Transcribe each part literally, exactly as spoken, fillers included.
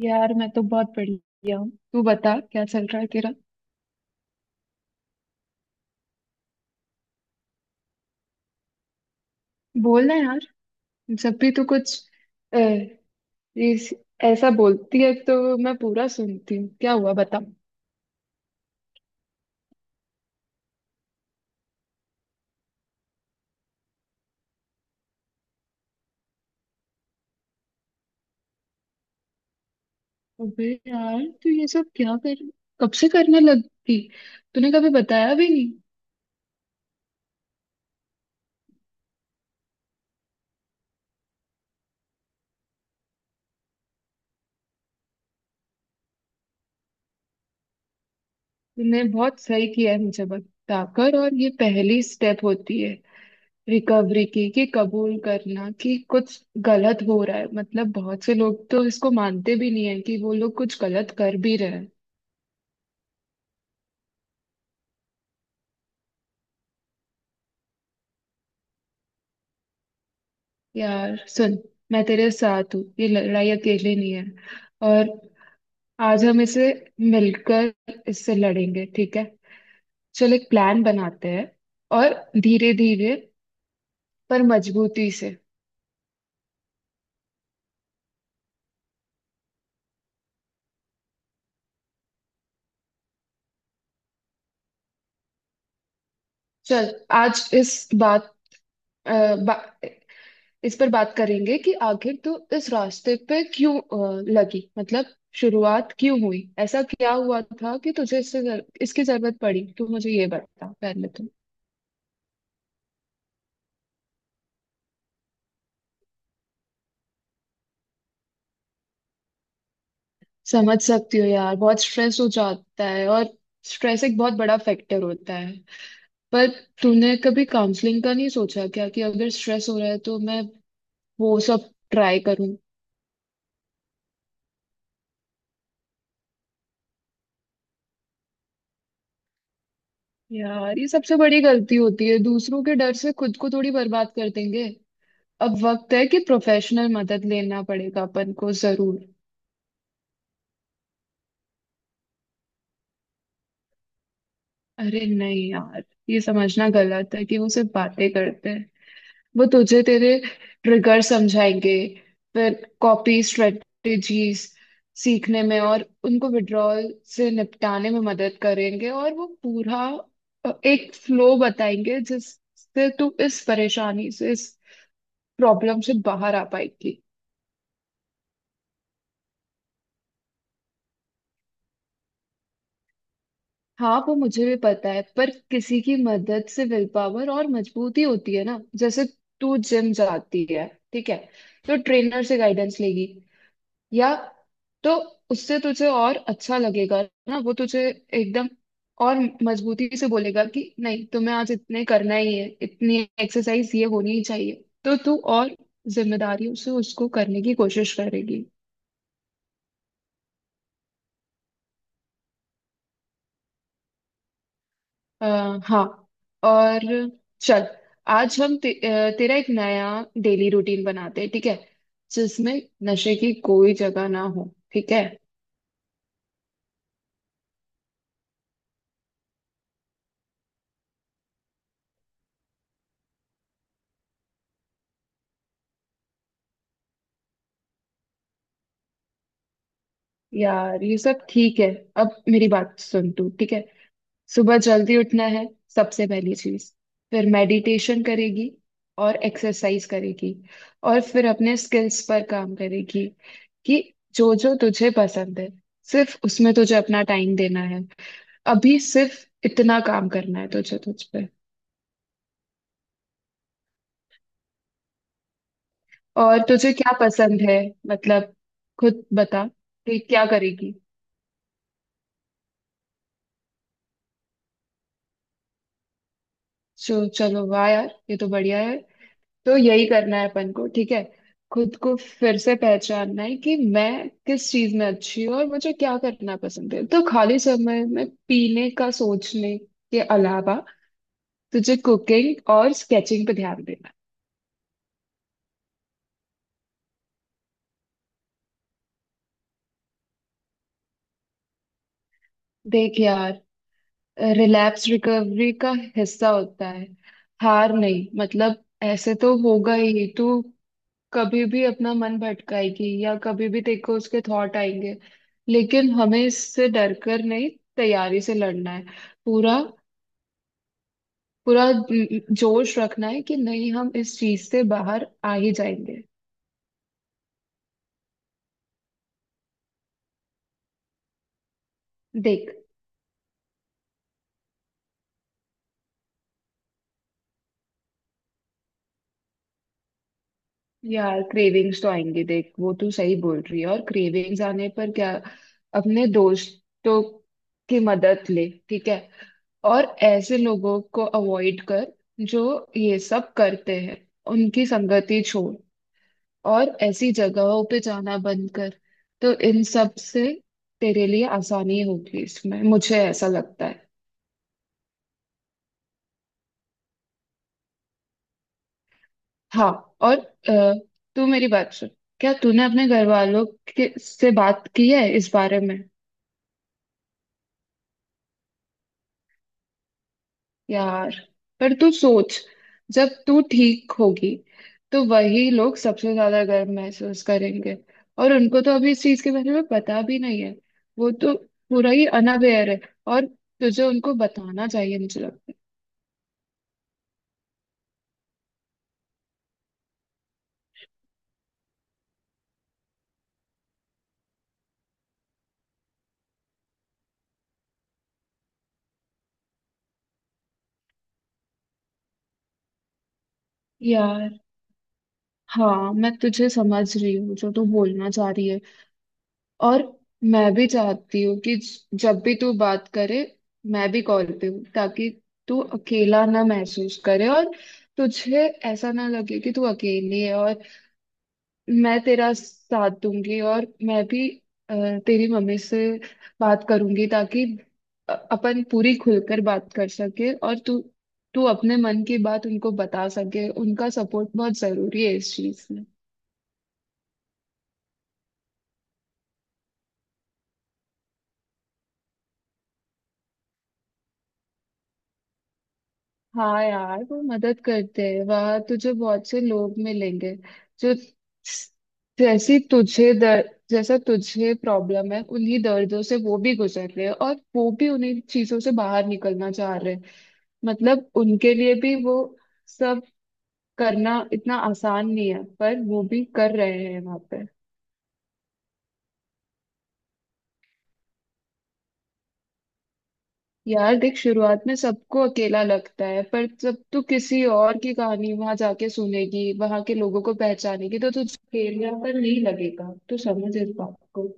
यार मैं तो बहुत बढ़िया हूँ। तू बता क्या चल रहा है तेरा। बोलना यार। जब भी तू कुछ अ, इस- ऐसा बोलती है तो मैं पूरा सुनती हूँ, क्या हुआ बता। अबे यार, तू ये सब क्या कर, कब से करने लगी, तूने कभी बताया भी नहीं। तूने बहुत सही किया है मुझे बताकर, और ये पहली स्टेप होती है रिकवरी की, कि कबूल करना कि कुछ गलत हो रहा है। मतलब बहुत से लोग तो इसको मानते भी नहीं है कि वो लोग कुछ गलत कर भी रहे हैं। यार सुन, मैं तेरे साथ हूँ, ये लड़ाई अकेले नहीं है। और आज हम इसे मिलकर इससे लड़ेंगे, ठीक है। चल एक प्लान बनाते हैं, और धीरे धीरे पर मजबूती से। चल, आज इस बात अ, बा, इस पर बात करेंगे कि आखिर तू इस रास्ते पे क्यों अ, लगी। मतलब शुरुआत क्यों हुई, ऐसा क्या हुआ था कि तुझे इससे जर, इसकी जरूरत पड़ी। तू मुझे ये बता पहले तो। समझ सकती हो यार, बहुत स्ट्रेस हो जाता है, और स्ट्रेस एक बहुत बड़ा फैक्टर होता है। पर तूने कभी काउंसलिंग का नहीं सोचा क्या, कि अगर स्ट्रेस हो रहा है तो मैं वो सब ट्राई करूं। यार, ये सबसे बड़ी गलती होती है, दूसरों के डर से खुद को थोड़ी बर्बाद कर देंगे। अब वक्त है कि प्रोफेशनल मदद लेना पड़ेगा अपन को जरूर। अरे नहीं यार, ये समझना गलत है कि वो सिर्फ बातें करते हैं। वो तुझे तेरे ट्रिगर समझाएंगे, फिर कॉपी स्ट्रेटेजीज सीखने में और उनको विड्रॉल से निपटाने में मदद करेंगे। और वो पूरा अ, एक फ्लो बताएंगे जिससे तू इस परेशानी से, इस प्रॉब्लम से बाहर आ पाएगी। हाँ, वो मुझे भी पता है, पर किसी की मदद से विल पावर और मजबूती होती है ना। जैसे तू जिम जाती है, ठीक है, तो ट्रेनर से गाइडेंस लेगी, या तो उससे तुझे और अच्छा लगेगा ना। वो तुझे एकदम और मजबूती से बोलेगा कि नहीं, तुम्हें आज इतने करना ही है, इतनी एक्सरसाइज ये होनी ही चाहिए। तो तू और जिम्मेदारियों से उसको करने की कोशिश करेगी। आ, हाँ। और चल, आज हम ते, अ, तेरा एक नया डेली रूटीन बनाते हैं, ठीक है, जिसमें नशे की कोई जगह ना हो, ठीक है। यार ये सब ठीक है। अब मेरी बात सुन तू, ठीक है। सुबह जल्दी उठना है, सबसे पहली चीज। फिर मेडिटेशन करेगी और एक्सरसाइज करेगी। और फिर अपने स्किल्स पर काम करेगी, कि जो जो तुझे पसंद है सिर्फ उसमें तुझे अपना टाइम देना है। अभी सिर्फ इतना काम करना है तुझे, तुझ पे। और तुझे क्या पसंद है, मतलब खुद बता कि क्या करेगी। सो चलो, वाह यार ये तो बढ़िया है। तो यही करना है अपन को, ठीक है। खुद को फिर से पहचानना है कि मैं किस चीज में अच्छी हूँ और मुझे क्या करना पसंद है। तो खाली समय में पीने का सोचने के अलावा तुझे कुकिंग और स्केचिंग पे ध्यान देना है। देख यार, रिलैप्स रिकवरी का हिस्सा होता है, हार नहीं। मतलब ऐसे तो होगा ही, तू कभी भी अपना मन भटकाएगी, या कभी भी देखो उसके थॉट आएंगे, लेकिन हमें इससे डर कर नहीं, तैयारी से लड़ना है। पूरा पूरा जोश रखना है कि नहीं, हम इस चीज से बाहर आ ही जाएंगे। देख यार, क्रेविंग्स तो आएंगे, देख, वो तू सही बोल रही है। और क्रेविंग्स आने पर क्या, अपने दोस्तों की मदद ले, ठीक है। और ऐसे लोगों को अवॉइड कर जो ये सब करते हैं, उनकी संगति छोड़, और ऐसी जगहों पे जाना बंद कर। तो इन सब से तेरे लिए आसानी होगी इसमें, मुझे ऐसा लगता है। हाँ। और अ, तू मेरी बात सुन, क्या तूने अपने घर वालों के से बात की है इस बारे में। यार, पर तू सोच, जब तू ठीक होगी तो वही लोग सबसे ज्यादा गर्व महसूस करेंगे। और उनको तो अभी इस चीज के बारे में पता भी नहीं है, वो तो पूरा ही अनअवेयर है। और तुझे उनको बताना चाहिए, मुझे लगता है यार। हाँ, मैं तुझे समझ रही हूँ, जो तू बोलना चाह रही है। और मैं भी चाहती हूँ कि ज- जब भी तू बात करे, मैं भी कॉल पे हूँ, ताकि तू अकेला ना महसूस करे, और तुझे ऐसा ना लगे कि तू अकेली है। और मैं तेरा साथ दूंगी, और मैं भी अ, तेरी मम्मी से बात करूंगी, ताकि अ- अपन पूरी खुलकर बात कर सके, और तू तू अपने मन की बात उनको बता सके। उनका सपोर्ट बहुत जरूरी है इस चीज में। हाँ यार, वो मदद करते हैं, वहां तुझे बहुत से लोग मिलेंगे जो, जैसी तुझे दर्द, जैसा तुझे प्रॉब्लम है, उन्हीं दर्दों से वो भी गुजर रहे हैं, और वो भी उन्हीं चीजों से बाहर निकलना चाह रहे हैं। मतलब उनके लिए भी वो सब करना इतना आसान नहीं है, पर वो भी कर रहे हैं वहां पे। यार देख, शुरुआत में सबको अकेला लगता है, पर जब तू किसी और की कहानी वहां जाके सुनेगी, वहां के लोगों को पहचानेगी, तो तुझे अकेलापन नहीं लगेगा। तू समझ इस बात को।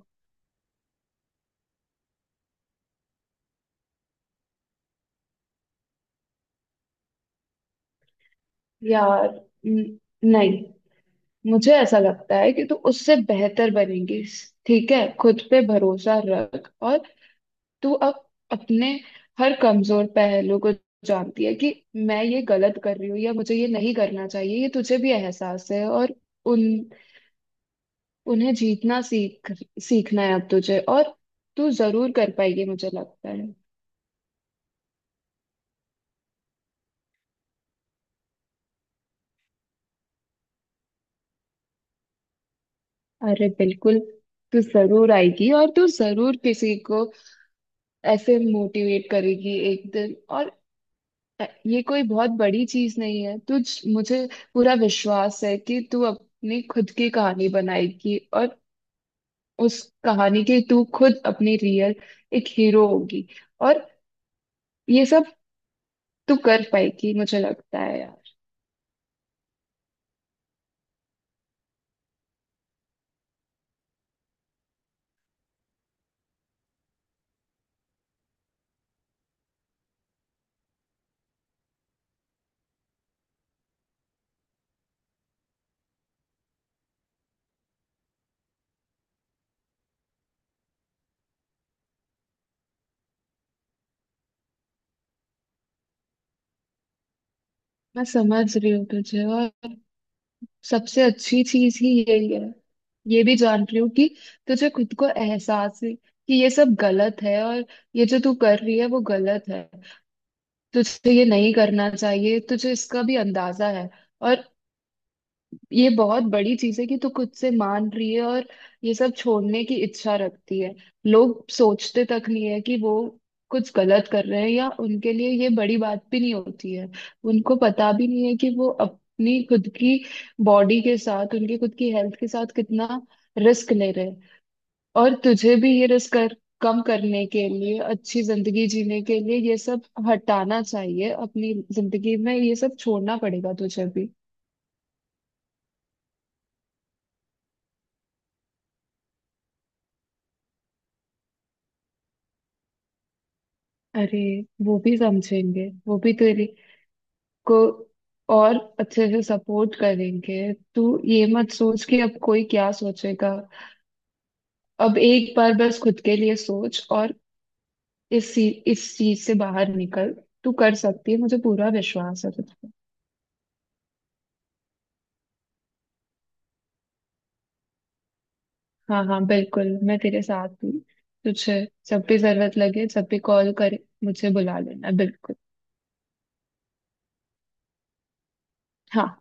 यार, न- नहीं, मुझे ऐसा लगता है कि तू उससे बेहतर बनेगी। ठीक है, खुद पे भरोसा रख। और तू अब अपने हर कमजोर पहलू को जानती है, कि मैं ये गलत कर रही हूँ या मुझे ये नहीं करना चाहिए, ये तुझे भी एहसास है। और उन उन्हें जीतना सीख सीखना है अब तुझे। और तू जरूर कर पाएगी, मुझे लगता है। अरे बिल्कुल, तू जरूर आएगी, और तू जरूर किसी को ऐसे मोटिवेट करेगी एक दिन। और ये कोई बहुत बड़ी चीज नहीं है तुझ मुझे पूरा विश्वास है कि तू अपनी खुद की कहानी बनाएगी, और उस कहानी की तू खुद, अपनी रियल एक हीरो होगी। और ये सब तू कर पाएगी, मुझे लगता है यार। मैं समझ रही हूँ तुझे। और सबसे अच्छी चीज ही यही है, ये भी जान रही हूँ कि तुझे खुद को एहसास है कि ये सब गलत है, और ये जो तू कर रही है वो गलत है, तुझे ये नहीं करना चाहिए, तुझे इसका भी अंदाजा है। और ये बहुत बड़ी चीज है कि तू खुद से मान रही है, और ये सब छोड़ने की इच्छा रखती है। लोग सोचते तक नहीं है कि वो कुछ गलत कर रहे हैं, या उनके लिए ये बड़ी बात भी नहीं होती है। उनको पता भी नहीं है कि वो अपनी खुद की बॉडी के साथ, उनकी खुद की हेल्थ के साथ कितना रिस्क ले रहे हैं। और तुझे भी ये रिस्क कर कम करने के लिए, अच्छी जिंदगी जीने के लिए ये सब हटाना चाहिए। अपनी जिंदगी में ये सब छोड़ना पड़ेगा तुझे भी। अरे, वो भी समझेंगे, वो भी तेरी को और अच्छे से सपोर्ट करेंगे। तू ये मत सोच कि अब कोई क्या सोचेगा। अब एक बार बस खुद के लिए सोच, और इस सी- इस चीज से बाहर निकल। तू कर सकती है, मुझे पूरा विश्वास है तुझ पे। हाँ हाँ बिल्कुल, मैं तेरे साथ हूँ। तुझे जब भी जरूरत लगे, जब भी कॉल करे, मुझे बुला लेना बिल्कुल। हाँ।